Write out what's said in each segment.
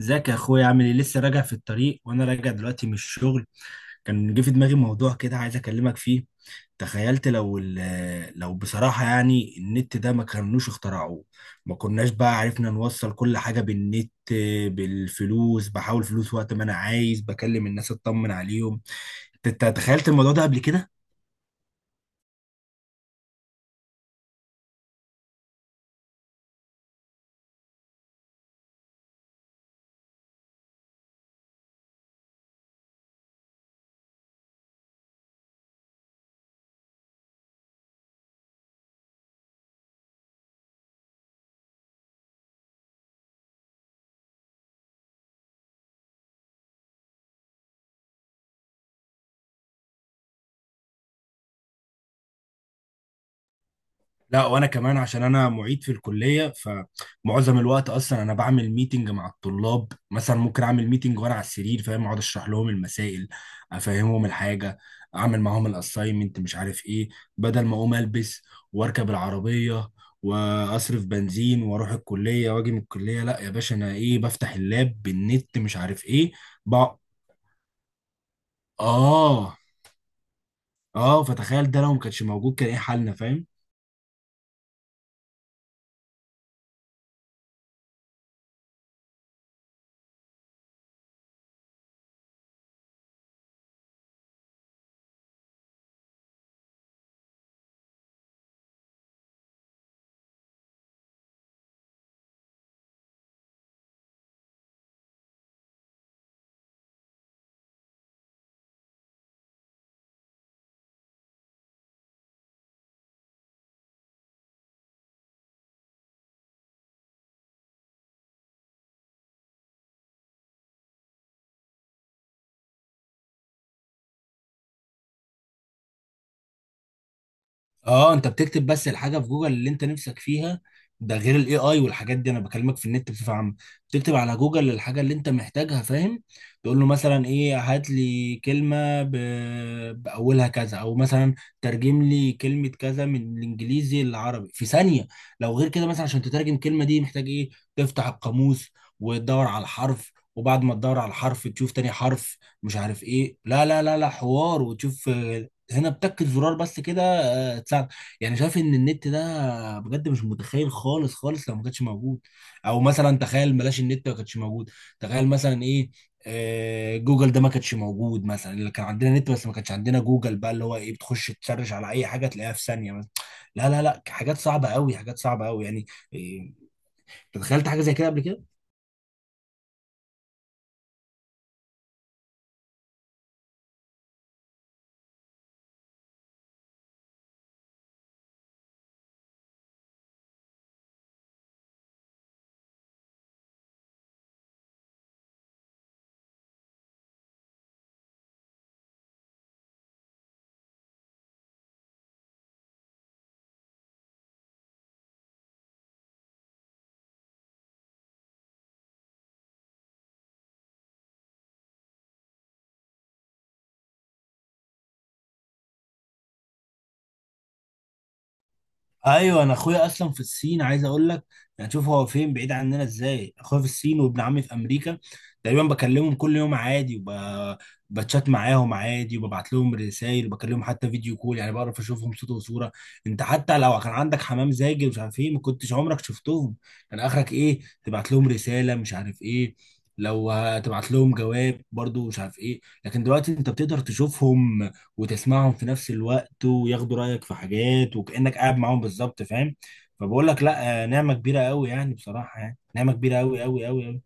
ازيك يا اخويا، عامل ايه؟ لسه راجع في الطريق وانا راجع دلوقتي من الشغل. كان جه في دماغي موضوع كده، عايز اكلمك فيه. تخيلت لو لو، بصراحة يعني، النت ده ما كانوش اخترعوه. ما كناش بقى عرفنا نوصل كل حاجة بالنت، بالفلوس، بحاول فلوس وقت ما انا عايز بكلم الناس اطمن عليهم. أنت تخيلت الموضوع ده قبل كده؟ لا، وانا كمان عشان انا معيد في الكليه، فمعظم الوقت اصلا انا بعمل ميتنج مع الطلاب. مثلا ممكن اعمل ميتنج وانا على السرير، فاهم؟ اقعد اشرح لهم المسائل، افهمهم الحاجه، اعمل معاهم الاساينمنت، مش عارف ايه. بدل ما اقوم البس واركب العربيه واصرف بنزين واروح الكليه واجي من الكليه، لا يا باشا، انا ايه؟ بفتح اللاب بالنت، مش عارف ايه. بقى. اه. اه، فتخيل ده لو ما كانش موجود، كان ايه حالنا؟ فاهم؟ اه، انت بتكتب بس الحاجه في جوجل اللي انت نفسك فيها. ده غير الاي اي والحاجات دي. انا بكلمك في النت بصفه عامه. بتكتب على جوجل الحاجه اللي انت محتاجها، فاهم؟ تقول له مثلا ايه، هات لي كلمه باولها كذا، او مثلا ترجم لي كلمه كذا من الانجليزي للعربي في ثانيه. لو غير كده، مثلا عشان تترجم كلمه دي محتاج ايه؟ تفتح القاموس وتدور على الحرف، وبعد ما تدور على الحرف تشوف تاني حرف، مش عارف ايه، لا لا لا لا حوار. وتشوف، هنا بتاكد زرار بس كده تساعد. يعني شايف ان النت ده بجد مش متخيل خالص خالص لو ما كانش موجود. او مثلا تخيل بلاش النت ما كانش موجود. تخيل مثلا ايه. جوجل ده ما كانش موجود مثلا. اللي كان عندنا نت بس ما كانش عندنا جوجل، بقى اللي هو ايه؟ بتخش تسرش على اي حاجه تلاقيها في ثانيه مثلا. لا لا لا حاجات صعبه قوي، حاجات صعبه قوي يعني. إيه، تخيلت حاجه زي كده قبل كده؟ ايوه، انا اخويا اصلا في الصين، عايز اقول لك يعني شوف هو فين بعيد عننا ازاي. اخويا في الصين وابن عمي في امريكا، تقريبا بكلمهم كل يوم عادي بتشات معاهم عادي وببعت لهم رسائل وبكلمهم حتى فيديو كول. يعني بعرف اشوفهم صوت وصوره. انت حتى لو كان عندك حمام زاجل، مش عارف ايه، ما كنتش عمرك شفتهم. كان اخرك ايه؟ تبعت لهم رساله، مش عارف ايه، لو هتبعت لهم جواب، برضو مش عارف ايه. لكن دلوقتي انت بتقدر تشوفهم وتسمعهم في نفس الوقت وياخدوا رأيك في حاجات، وكأنك قاعد معاهم بالظبط، فاهم؟ فبقول لك لا، نعمة كبيرة قوي يعني، بصراحة يعني نعمة كبيرة قوي قوي قوي.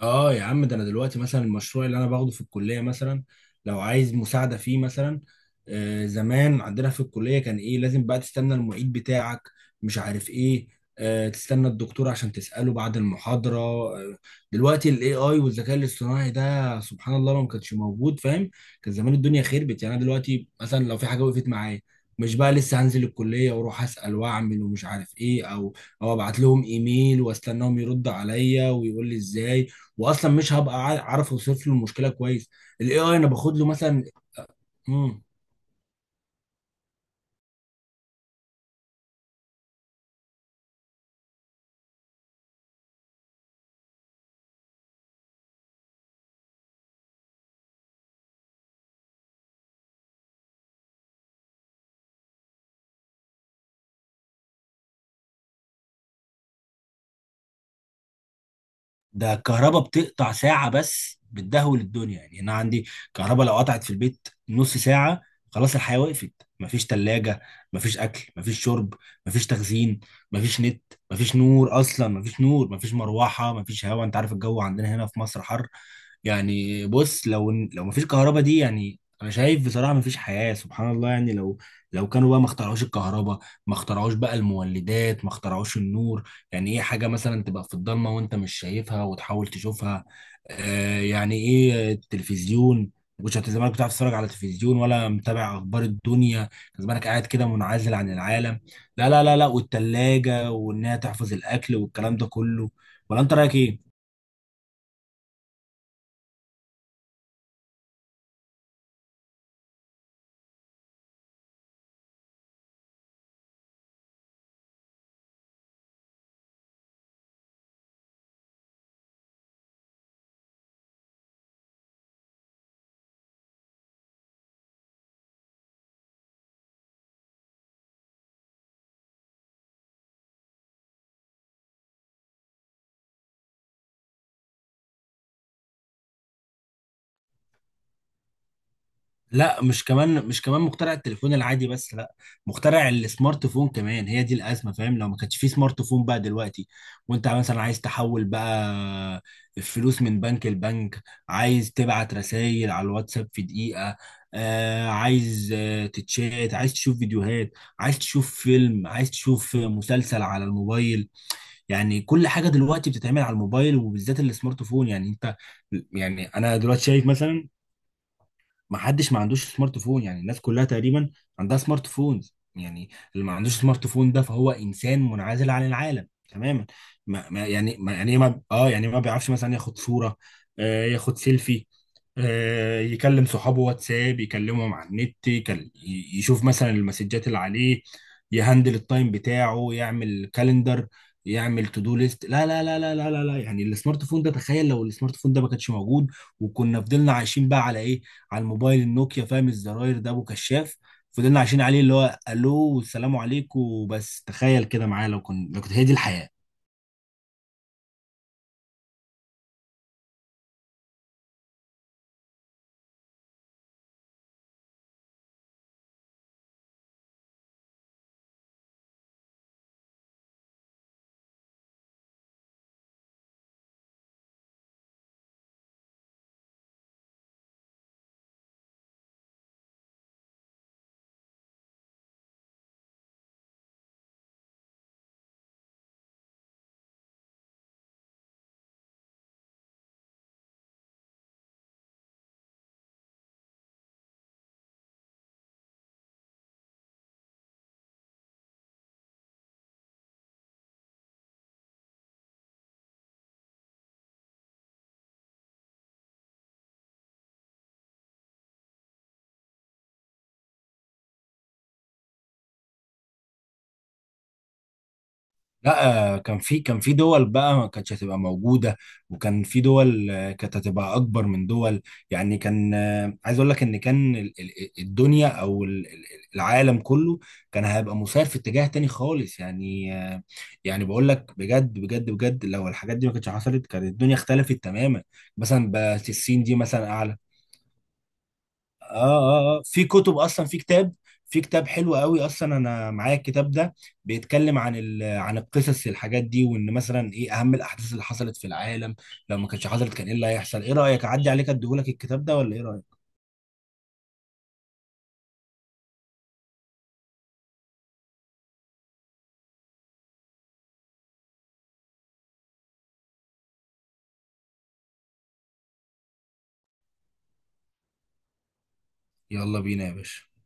اه يا عم، ده انا دلوقتي مثلا المشروع اللي انا باخده في الكليه، مثلا لو عايز مساعده فيه مثلا. زمان عندنا في الكليه كان ايه؟ لازم بقى تستنى المعيد بتاعك، مش عارف ايه، تستنى الدكتور عشان تساله بعد المحاضره. دلوقتي الاي اي والذكاء الاصطناعي ده، سبحان الله، لو ما كانش موجود، فاهم؟ كان زمان الدنيا خربت. يعني انا دلوقتي مثلا لو في حاجه وقفت معايا، مش بقى لسه هنزل الكليه واروح اسال واعمل ومش عارف ايه، او ابعت لهم ايميل واستناهم يرد عليا ويقول لي ازاي، واصلا مش هبقى عارف اوصف له المشكله كويس. الاي اي انا باخد له مثلا. مم. ده الكهرباء بتقطع ساعة بس بتدهول الدنيا. يعني أنا عندي كهرباء لو قطعت في البيت نص ساعة، خلاص الحياة وقفت. مفيش تلاجة، مفيش أكل، مفيش شرب، مفيش تخزين، مفيش نت، مفيش نور، أصلا مفيش نور، مفيش مروحة، مفيش هواء. أنت عارف الجو عندنا هنا في مصر حر. يعني بص، لو مفيش كهرباء دي، يعني أنا شايف بصراحة مفيش حياة. سبحان الله، يعني لو كانوا بقى ما اخترعوش الكهرباء، ما اخترعوش بقى المولدات، ما اخترعوش النور، يعني ايه حاجة مثلا تبقى في الضلمة وانت مش شايفها وتحاول تشوفها. يعني ايه التلفزيون؟ مش هت- زمانك بتعرف تتفرج على التلفزيون ولا متابع اخبار الدنيا، كان زمانك قاعد كده منعزل عن العالم. لا لا لا لا، والتلاجة وانها تحفظ الاكل والكلام ده كله. ولا انت رأيك ايه؟ لا، مش كمان مش كمان مخترع التليفون العادي بس، لا، مخترع السمارت فون كمان. هي دي الازمه، فاهم؟ لو ما كانش في سمارت فون بقى دلوقتي، وانت مثلا عايز تحول بقى الفلوس من بنك لبنك، عايز تبعت رسائل على الواتساب في دقيقه، عايز تتشات، عايز تشوف فيديوهات، عايز تشوف فيلم، عايز تشوف مسلسل على الموبايل. يعني كل حاجه دلوقتي بتتعمل على الموبايل وبالذات السمارت فون. يعني انت، يعني انا دلوقتي شايف مثلا ما حدش ما عندوش سمارت فون، يعني الناس كلها تقريبا عندها سمارت فونز. يعني اللي ما عندوش سمارت فون ده، فهو انسان منعزل عن العالم تماما. يعني ما يعني إيه، ما يعني ما بيعرفش مثلا ياخد صورة، ياخد سيلفي، يكلم صحابه واتساب، يكلمهم على النت، يشوف مثلا المسجات اللي عليه، يهندل التايم بتاعه، يعمل كالندر، يعمل تو دو ليست. لا لا لا لا لا لا لا، يعني السمارت فون ده، تخيل لو السمارت فون ده ما كانش موجود وكنا فضلنا عايشين بقى على ايه؟ على الموبايل النوكيا، فاهم؟ الزراير ده ابو كشاف. فضلنا عايشين عليه، اللي هو الو والسلام عليكم بس. تخيل كده معايا لو كنت هي دي الحياة. لا، كان في دول بقى ما كانتش هتبقى موجوده، وكان في دول، كانت هتبقى اكبر من دول. يعني كان، عايز اقول لك ان كان الدنيا او العالم كله كان هيبقى مسار في اتجاه تاني خالص، يعني يعني بقول لك بجد بجد بجد لو الحاجات دي ما كانتش حصلت كانت الدنيا اختلفت تماما. مثلا، بس الصين دي مثلا اعلى. اه، اه، آه. في كتب اصلا، في كتاب، في كتاب حلو قوي اصلا. انا معايا الكتاب ده بيتكلم عن عن القصص الحاجات دي، وان مثلا ايه اهم الاحداث اللي حصلت في العالم لو ما كانتش حصلت كان ايه اللي هيحصل. ايه رايك اعدي عليك اديهولك الكتاب ده ولا ايه رايك؟ يلا بينا يا باشا.